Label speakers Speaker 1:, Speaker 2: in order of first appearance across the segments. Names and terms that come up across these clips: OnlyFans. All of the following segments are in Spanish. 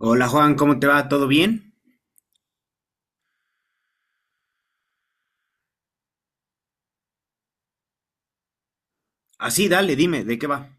Speaker 1: Hola Juan, ¿cómo te va? ¿Todo bien? Así, dale, dime, ¿de qué va?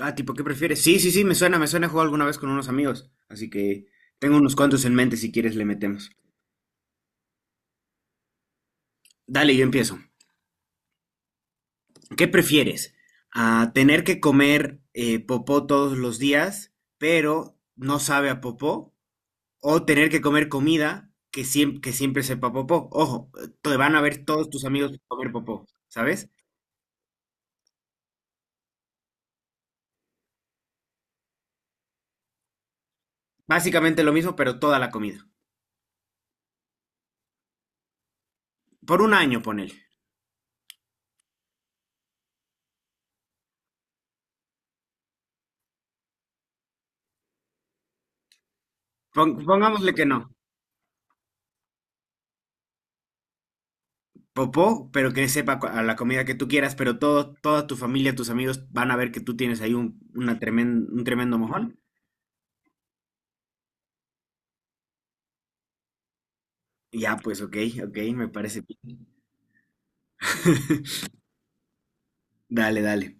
Speaker 1: Ah, tipo, ¿qué prefieres? Sí, sí, sí, me suena, he alguna vez con unos amigos, así que tengo unos cuantos en mente, si quieres le metemos. Dale, yo empiezo. ¿Qué prefieres? ¿A tener que comer popó todos los días, pero no sabe a popó? ¿O tener que comer comida que, que siempre sepa popó? Ojo, te van a ver todos tus amigos comer popó, ¿sabes? Básicamente lo mismo, pero toda la comida. Por un año, ponele. Pongámosle que no. Popó, pero que sepa a la comida que tú quieras, pero todo, toda tu familia, tus amigos van a ver que tú tienes ahí un tremendo mojón. Ya, pues ok, ok, me parece bien. Dale, dale.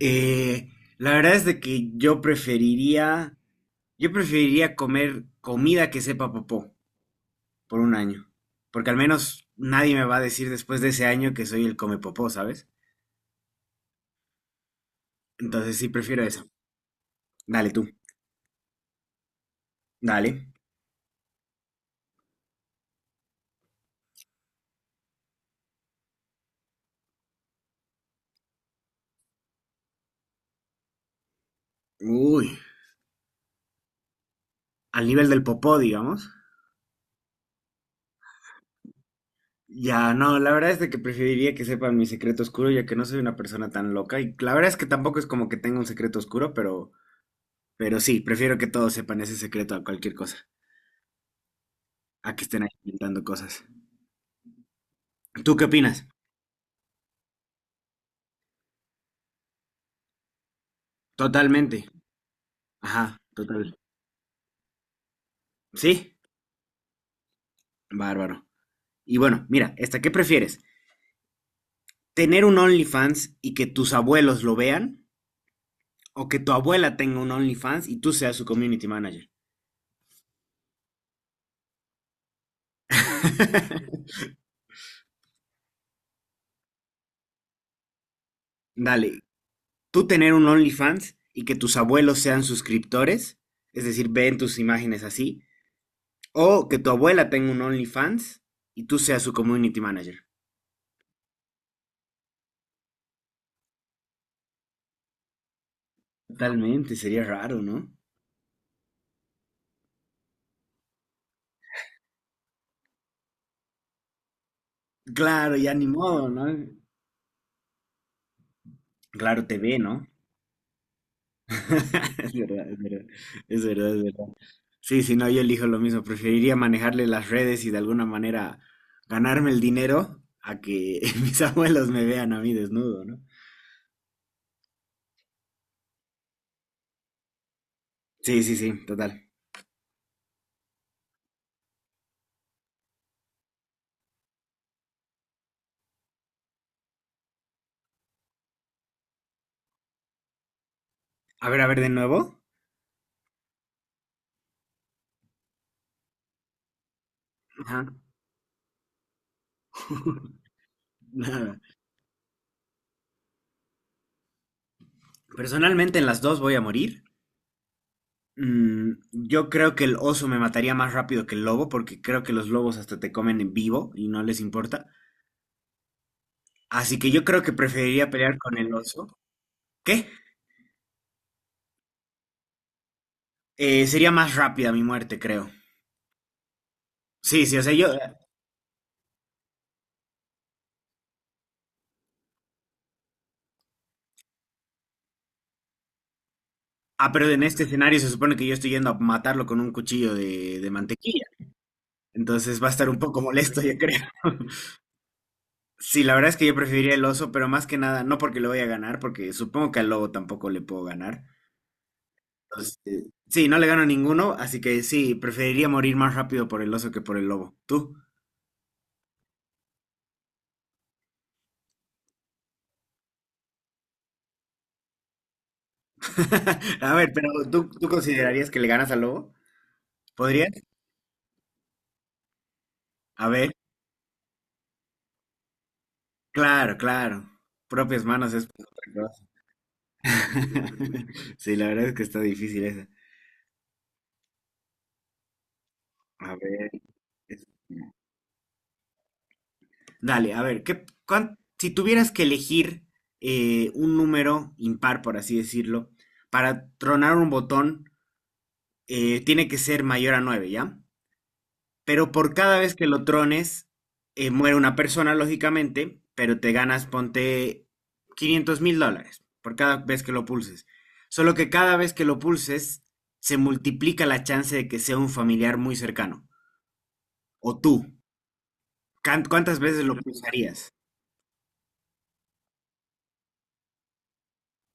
Speaker 1: Eh, la verdad es de que yo preferiría comer comida que sepa popó por un año, porque al menos nadie me va a decir después de ese año que soy el come popó, ¿sabes? Entonces sí prefiero eso. Dale tú, dale. Uy, al nivel del popó, digamos. Ya, no, la verdad es de que preferiría que sepan mi secreto oscuro, ya que no soy una persona tan loca. Y la verdad es que tampoco es como que tenga un secreto oscuro, pero sí, prefiero que todos sepan ese secreto a cualquier cosa, a que estén ahí inventando cosas. ¿Tú qué opinas? Totalmente. Ajá, total. ¿Sí? Bárbaro. Y bueno, mira, esta, ¿qué prefieres? ¿Tener un OnlyFans y que tus abuelos lo vean? ¿O que tu abuela tenga un OnlyFans y tú seas su community manager? Dale, tú tener un OnlyFans y que tus abuelos sean suscriptores, es decir, ven tus imágenes así, o que tu abuela tenga un OnlyFans y tú seas su community manager. Totalmente, sería raro, ¿no? Claro, ya ni modo, ¿no? Claro, te ve, ¿no? Es verdad, es verdad, es verdad, es verdad. Sí, si no, yo elijo lo mismo. Preferiría manejarle las redes y de alguna manera ganarme el dinero a que mis abuelos me vean a mí desnudo, ¿no? Sí, sí, sí, total. A ver, de nuevo. Ajá. Personalmente en las dos voy a morir. Yo creo que el oso me mataría más rápido que el lobo, porque creo que los lobos hasta te comen en vivo y no les importa. Así que yo creo que preferiría pelear con el oso. ¿Qué? Sería más rápida mi muerte, creo. Sí, sí, o sea, yo... Ah, pero en este escenario se supone que yo estoy yendo a matarlo con un cuchillo de mantequilla. Entonces va a estar un poco molesto, yo creo. Sí, la verdad es que yo preferiría el oso, pero más que nada, no porque le voy a ganar, porque supongo que al lobo tampoco le puedo ganar. Este, sí, no le gano a ninguno, así que sí, preferiría morir más rápido por el oso que por el lobo. ¿Tú? A ver, pero ¿tú considerarías que le ganas al lobo? ¿Podrías? A ver, claro, claro. Propias manos es otra cosa. Sí, la verdad es que está difícil esa. A ver. es- Dale, a ver, si tuvieras que elegir un número impar, por así decirlo, para tronar un botón, tiene que ser mayor a 9, ¿ya? Pero por cada vez que lo trones, muere una persona, lógicamente, pero te ganas, ponte 500 mil dólares por cada vez que lo pulses. Solo que cada vez que lo pulses, se multiplica la chance de que sea un familiar muy cercano. O tú. ¿Cuántas veces lo pulsarías?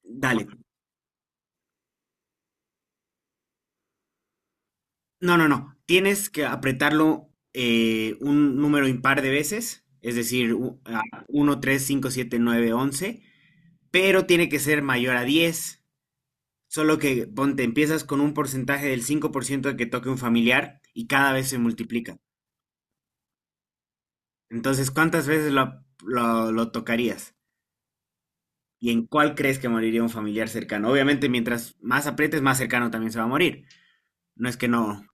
Speaker 1: Dale. No, no, no. Tienes que apretarlo un número impar de veces, es decir, a 1, 3, 5, 7, 9, 11, pero tiene que ser mayor a 10. Solo que, ponte, empiezas con un porcentaje del 5% de que toque un familiar y cada vez se multiplica. Entonces, ¿cuántas veces lo tocarías? ¿Y en cuál crees que moriría un familiar cercano? Obviamente, mientras más aprietes, más cercano también se va a morir. No es que no.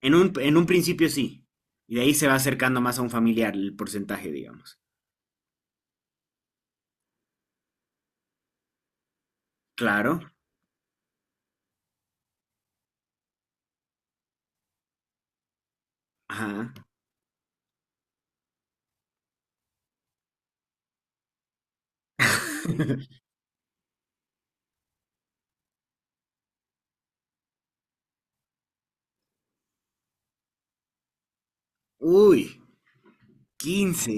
Speaker 1: En un principio sí. Y de ahí se va acercando más a un familiar el porcentaje, digamos. Claro. Ajá. Uy, 15.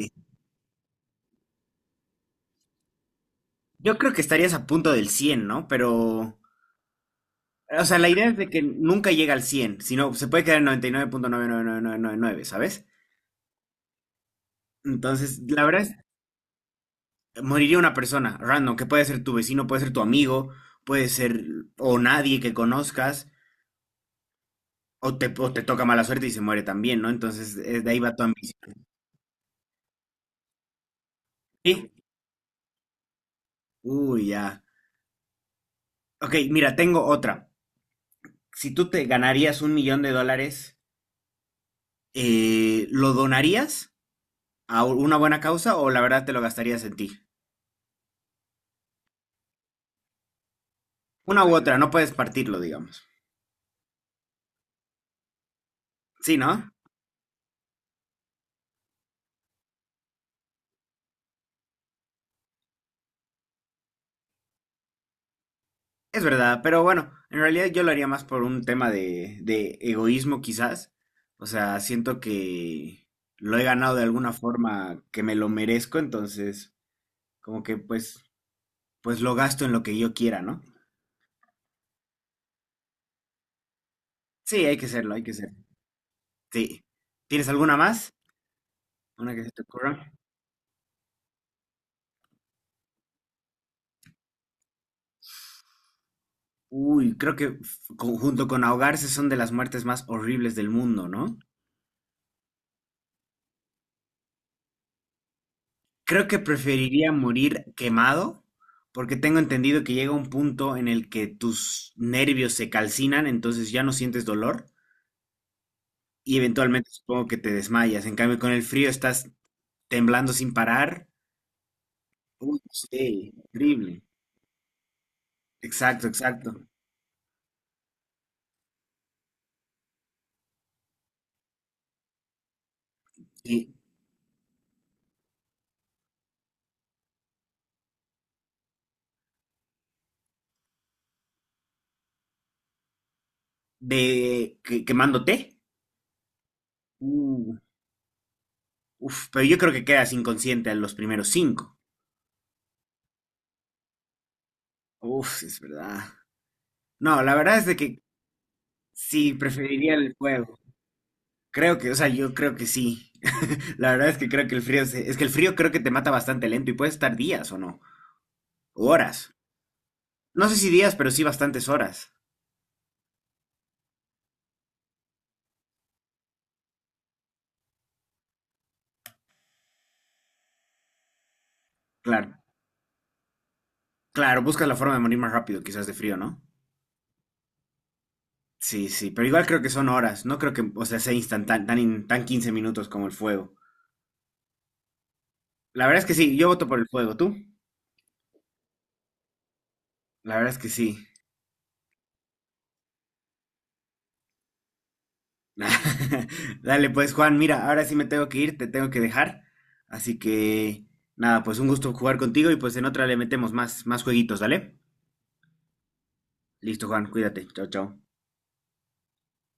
Speaker 1: Yo creo que estarías a punto del 100, ¿no? Pero o sea, la idea es de que nunca llega al 100, sino se puede quedar en noventa y nueve punto nueve nueve nueve nueve punto nueve, ¿sabes? Entonces, la verdad es, moriría una persona random, que puede ser tu vecino, puede ser tu amigo, puede ser o nadie que conozcas, o te toca mala suerte y se muere también, ¿no? Entonces, de ahí va tu ambición. ¿Sí? Uy, ya. Ok, mira, tengo otra. Si tú te ganarías un millón de dólares, ¿lo donarías a una buena causa o la verdad te lo gastarías en ti? Una u otra, no puedes partirlo, digamos. Sí, ¿no? Es verdad, pero bueno, en realidad yo lo haría más por un tema de egoísmo quizás. O sea, siento que lo he ganado de alguna forma que me lo merezco, entonces como que pues lo gasto en lo que yo quiera, ¿no? Sí, hay que serlo, hay que ser. Sí. ¿Tienes alguna más? ¿Una que se te ocurra? Uy, creo que junto con ahogarse son de las muertes más horribles del mundo, ¿no? Creo que preferiría morir quemado, porque tengo entendido que llega un punto en el que tus nervios se calcinan, entonces ya no sientes dolor y eventualmente supongo que te desmayas. En cambio, con el frío estás temblando sin parar. Uy, sí, horrible. Exacto, exacto. Y de Quemándote. Uh, Uf, pero yo creo que quedas inconsciente a los primeros cinco. Uf, es verdad. No, la verdad es de que sí, preferiría el fuego. Creo que, o sea, yo creo que sí. La verdad es que creo que el frío es que el frío creo que te mata bastante lento y puedes estar días o no, o horas. No sé si días, pero sí bastantes horas. Claro, claro, buscas la forma de morir más rápido, quizás de frío, ¿no? Sí, sí, pero igual creo que son horas. No creo que, o sea, sea instantáneo, tan, tan 15 minutos como el fuego. La verdad es que sí, yo voto por el fuego, ¿tú? La verdad es que sí. Dale, pues Juan, mira, ahora sí me tengo que ir, te tengo que dejar. Así que nada, pues un gusto jugar contigo y pues en otra le metemos más, más jueguitos, ¿dale? Listo, Juan, cuídate. Chao, chao.